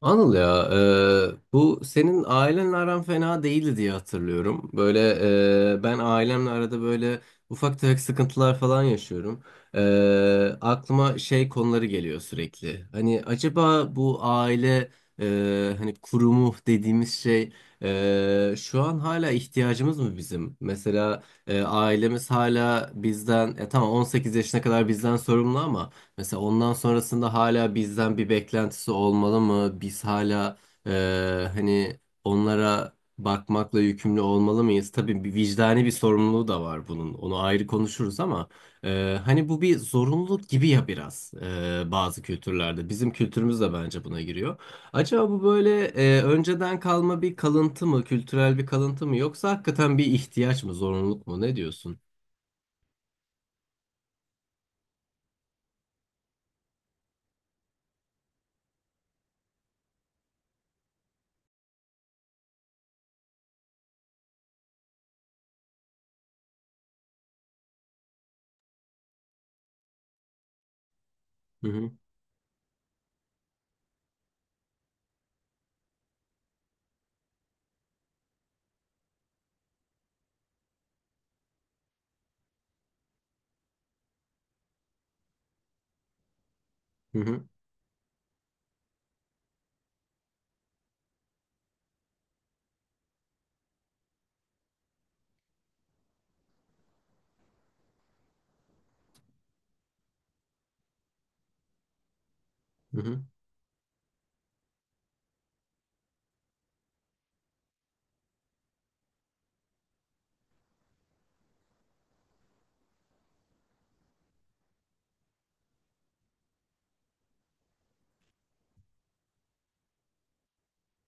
Anıl ya, bu senin ailenle aran fena değildi diye hatırlıyorum. Böyle ben ailemle arada böyle ufak tefek sıkıntılar falan yaşıyorum. E, Aklıma şey konuları geliyor sürekli. Hani acaba bu aile hani kurumu dediğimiz şey şu an hala ihtiyacımız mı bizim? Mesela ailemiz hala bizden, tamam 18 yaşına kadar bizden sorumlu ama. Mesela ondan sonrasında hala bizden bir beklentisi olmalı mı? Biz hala e, hani onlara bakmakla yükümlü olmalı mıyız? Tabii bir vicdani bir sorumluluğu da var bunun. Onu ayrı konuşuruz ama hani bu bir zorunluluk gibi ya biraz bazı kültürlerde. Bizim kültürümüz de bence buna giriyor. Acaba bu böyle önceden kalma bir kalıntı mı, kültürel bir kalıntı mı yoksa hakikaten bir ihtiyaç mı, zorunluluk mu? Ne diyorsun? Hı hı, hı hı, hı hı.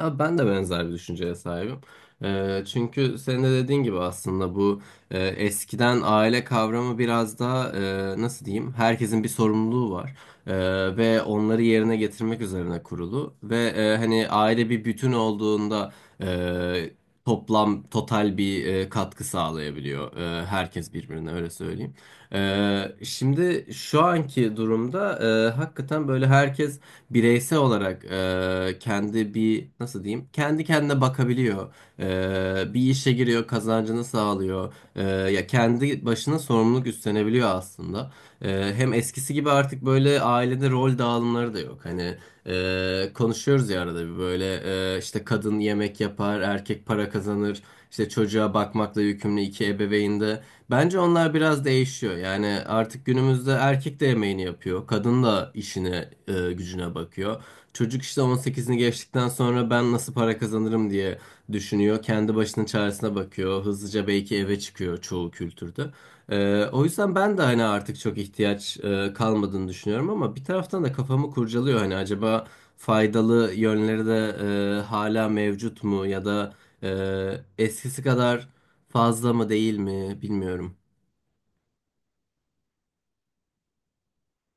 Abi ben de benzer bir düşünceye sahibim. Çünkü senin de dediğin gibi aslında bu eskiden aile kavramı biraz daha nasıl diyeyim, herkesin bir sorumluluğu var E, ve onları yerine getirmek üzerine kurulu ve hani aile bir bütün olduğunda e, toplam total bir katkı sağlayabiliyor, herkes birbirine, öyle söyleyeyim. Şimdi şu anki durumda hakikaten böyle herkes bireysel olarak kendi bir, nasıl diyeyim, kendi kendine bakabiliyor. Bir işe giriyor, kazancını sağlıyor. Ya kendi başına sorumluluk üstlenebiliyor aslında. Hem eskisi gibi artık böyle ailede rol dağılımları da yok. Hani konuşuyoruz ya arada bir böyle işte kadın yemek yapar, erkek para kazanır. İşte çocuğa bakmakla yükümlü iki ebeveyn de. Bence onlar biraz değişiyor. Yani artık günümüzde erkek de yemeğini yapıyor. Kadın da işine, gücüne bakıyor. Çocuk işte 18'ini geçtikten sonra ben nasıl para kazanırım diye düşünüyor. Kendi başının çaresine bakıyor. Hızlıca belki eve çıkıyor çoğu kültürde. O yüzden ben de hani artık çok ihtiyaç kalmadığını düşünüyorum ama bir taraftan da kafamı kurcalıyor. Hani acaba faydalı yönleri de hala mevcut mu ya da e, eskisi kadar fazla mı değil mi bilmiyorum.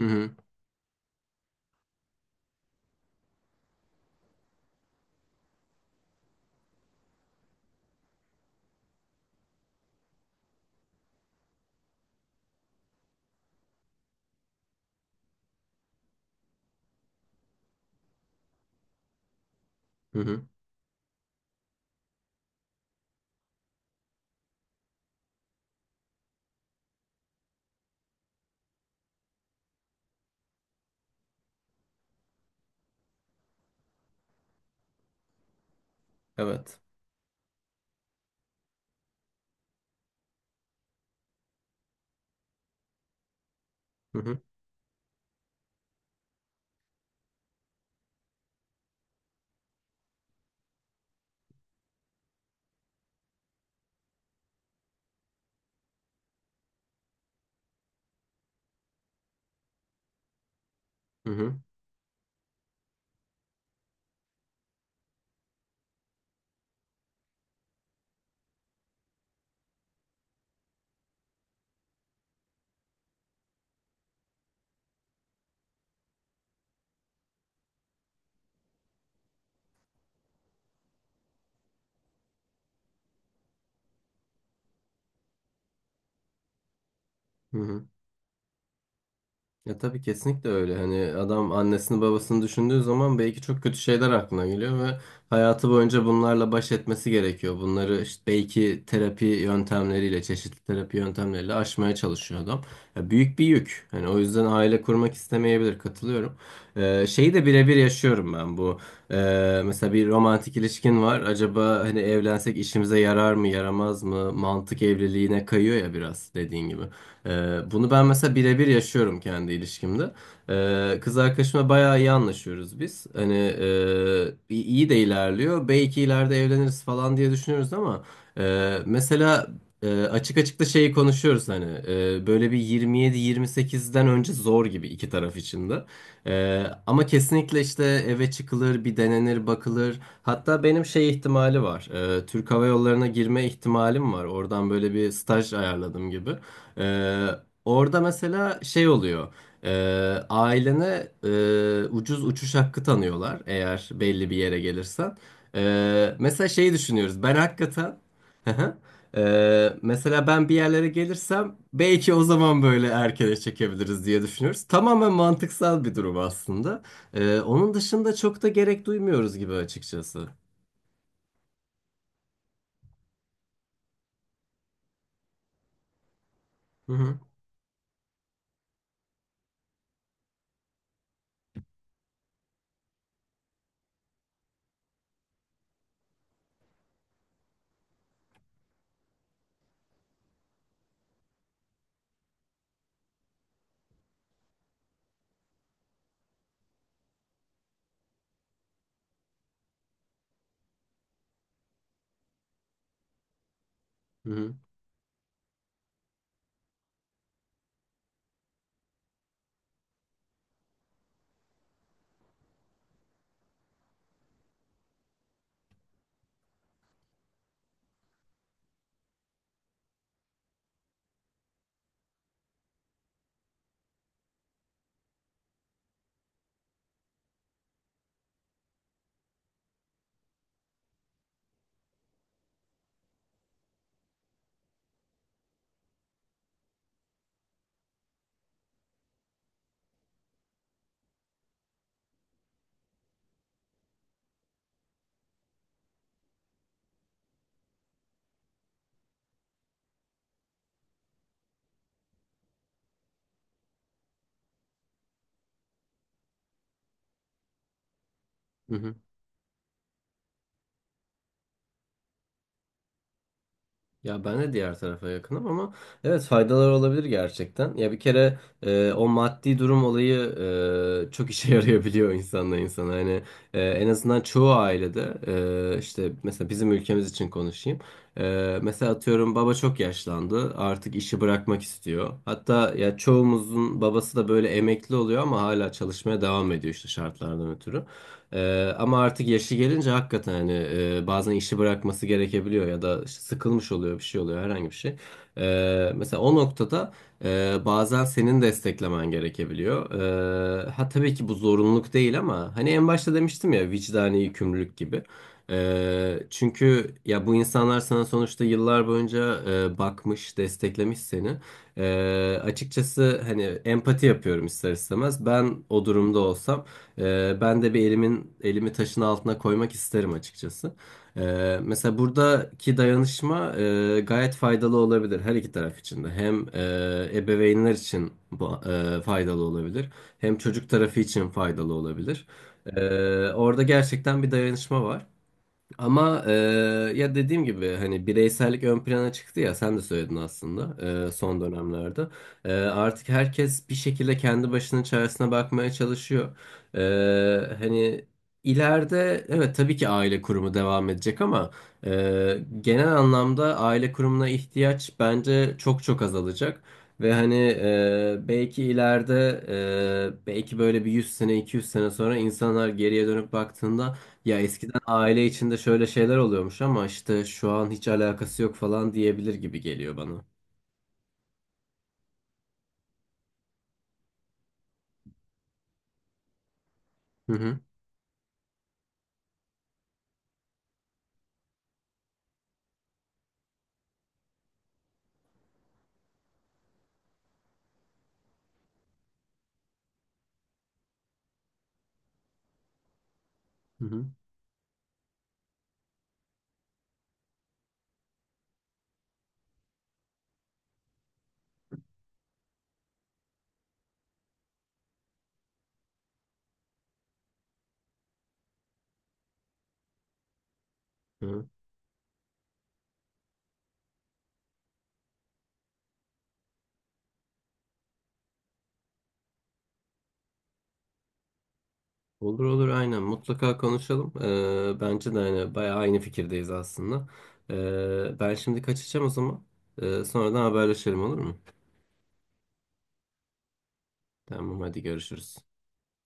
Hı hı. Hı hı. Evet. Hı hı. Hı hı. Hı hı. Ya tabii kesinlikle öyle. Hani adam annesini babasını düşündüğü zaman belki çok kötü şeyler aklına geliyor ve hayatı boyunca bunlarla baş etmesi gerekiyor. Bunları işte belki terapi yöntemleriyle, çeşitli terapi yöntemleriyle aşmaya çalışıyor adam. Ya büyük bir yük. Hani o yüzden aile kurmak istemeyebilir. Katılıyorum. Şeyi de birebir yaşıyorum ben bu. Mesela bir romantik ilişkin var. Acaba hani evlensek işimize yarar mı, yaramaz mı? Mantık evliliğine kayıyor ya biraz dediğin gibi. Bunu ben mesela birebir yaşıyorum kendi ilişkimde. Kız arkadaşımla bayağı iyi anlaşıyoruz biz. Hani iyi iyi de ilerliyor. Belki ileride evleniriz falan diye düşünüyoruz ama mesela açık açık da şeyi konuşuyoruz, hani böyle bir 27-28'den önce zor gibi iki taraf için de. Ama kesinlikle işte eve çıkılır, bir denenir, bakılır. Hatta benim şey ihtimali var. Türk Hava Yolları'na girme ihtimalim var. Oradan böyle bir staj ayarladım gibi. Ee, Orada mesela şey oluyor. Ee, Ailene ucuz uçuş hakkı tanıyorlar, eğer belli bir yere gelirsen. Mesela şeyi düşünüyoruz. Ben hakikaten. Mesela ben bir yerlere gelirsem belki o zaman böyle erkene çekebiliriz diye düşünüyoruz. Tamamen mantıksal bir durum aslında. Onun dışında çok da gerek duymuyoruz gibi açıkçası. Hı hı. Hı hı. Hı hı. Ya ben de diğer tarafa yakınım ama evet, faydalar olabilir gerçekten. Ya bir kere o maddi durum olayı çok işe yarayabiliyor insanla insana. Hani en azından çoğu ailede işte mesela bizim ülkemiz için konuşayım. Mesela atıyorum, baba çok yaşlandı, artık işi bırakmak istiyor. Hatta ya çoğumuzun babası da böyle emekli oluyor ama hala çalışmaya devam ediyor işte, şartlardan ötürü. Ama artık yaşı gelince hakikaten hani bazen işi bırakması gerekebiliyor ya da işte sıkılmış oluyor, bir şey oluyor, herhangi bir şey. Mesela o noktada bazen senin desteklemen gerekebiliyor. Ha, tabii ki bu zorunluluk değil ama hani en başta demiştim ya, vicdani yükümlülük gibi. Çünkü ya bu insanlar sana sonuçta yıllar boyunca bakmış, desteklemiş seni. Açıkçası hani empati yapıyorum ister istemez. Ben o durumda olsam. Ben de bir elimi taşın altına koymak isterim açıkçası. Mesela buradaki dayanışma gayet faydalı olabilir her iki taraf için de. Hem ebeveynler için bu faydalı olabilir, hem çocuk tarafı için faydalı olabilir. Orada gerçekten bir dayanışma var. Ama ya dediğim gibi, hani bireysellik ön plana çıktı ya, sen de söyledin aslında son dönemlerde. Artık herkes bir şekilde kendi başının çaresine bakmaya çalışıyor. E, Hani ileride evet, tabii ki aile kurumu devam edecek ama genel anlamda aile kurumuna ihtiyaç bence çok çok azalacak. Ve hani belki ileride belki böyle bir 100 sene 200 sene sonra insanlar geriye dönüp baktığında, ya eskiden aile içinde şöyle şeyler oluyormuş ama işte şu an hiç alakası yok falan diyebilir gibi geliyor bana. Hı hı. Hı hı. Hı. Olur olur, aynen, mutlaka konuşalım. Bence de hani bayağı aynı fikirdeyiz aslında. Ben şimdi kaçacağım o zaman. Sonradan haberleşelim, olur mu? Tamam, hadi görüşürüz.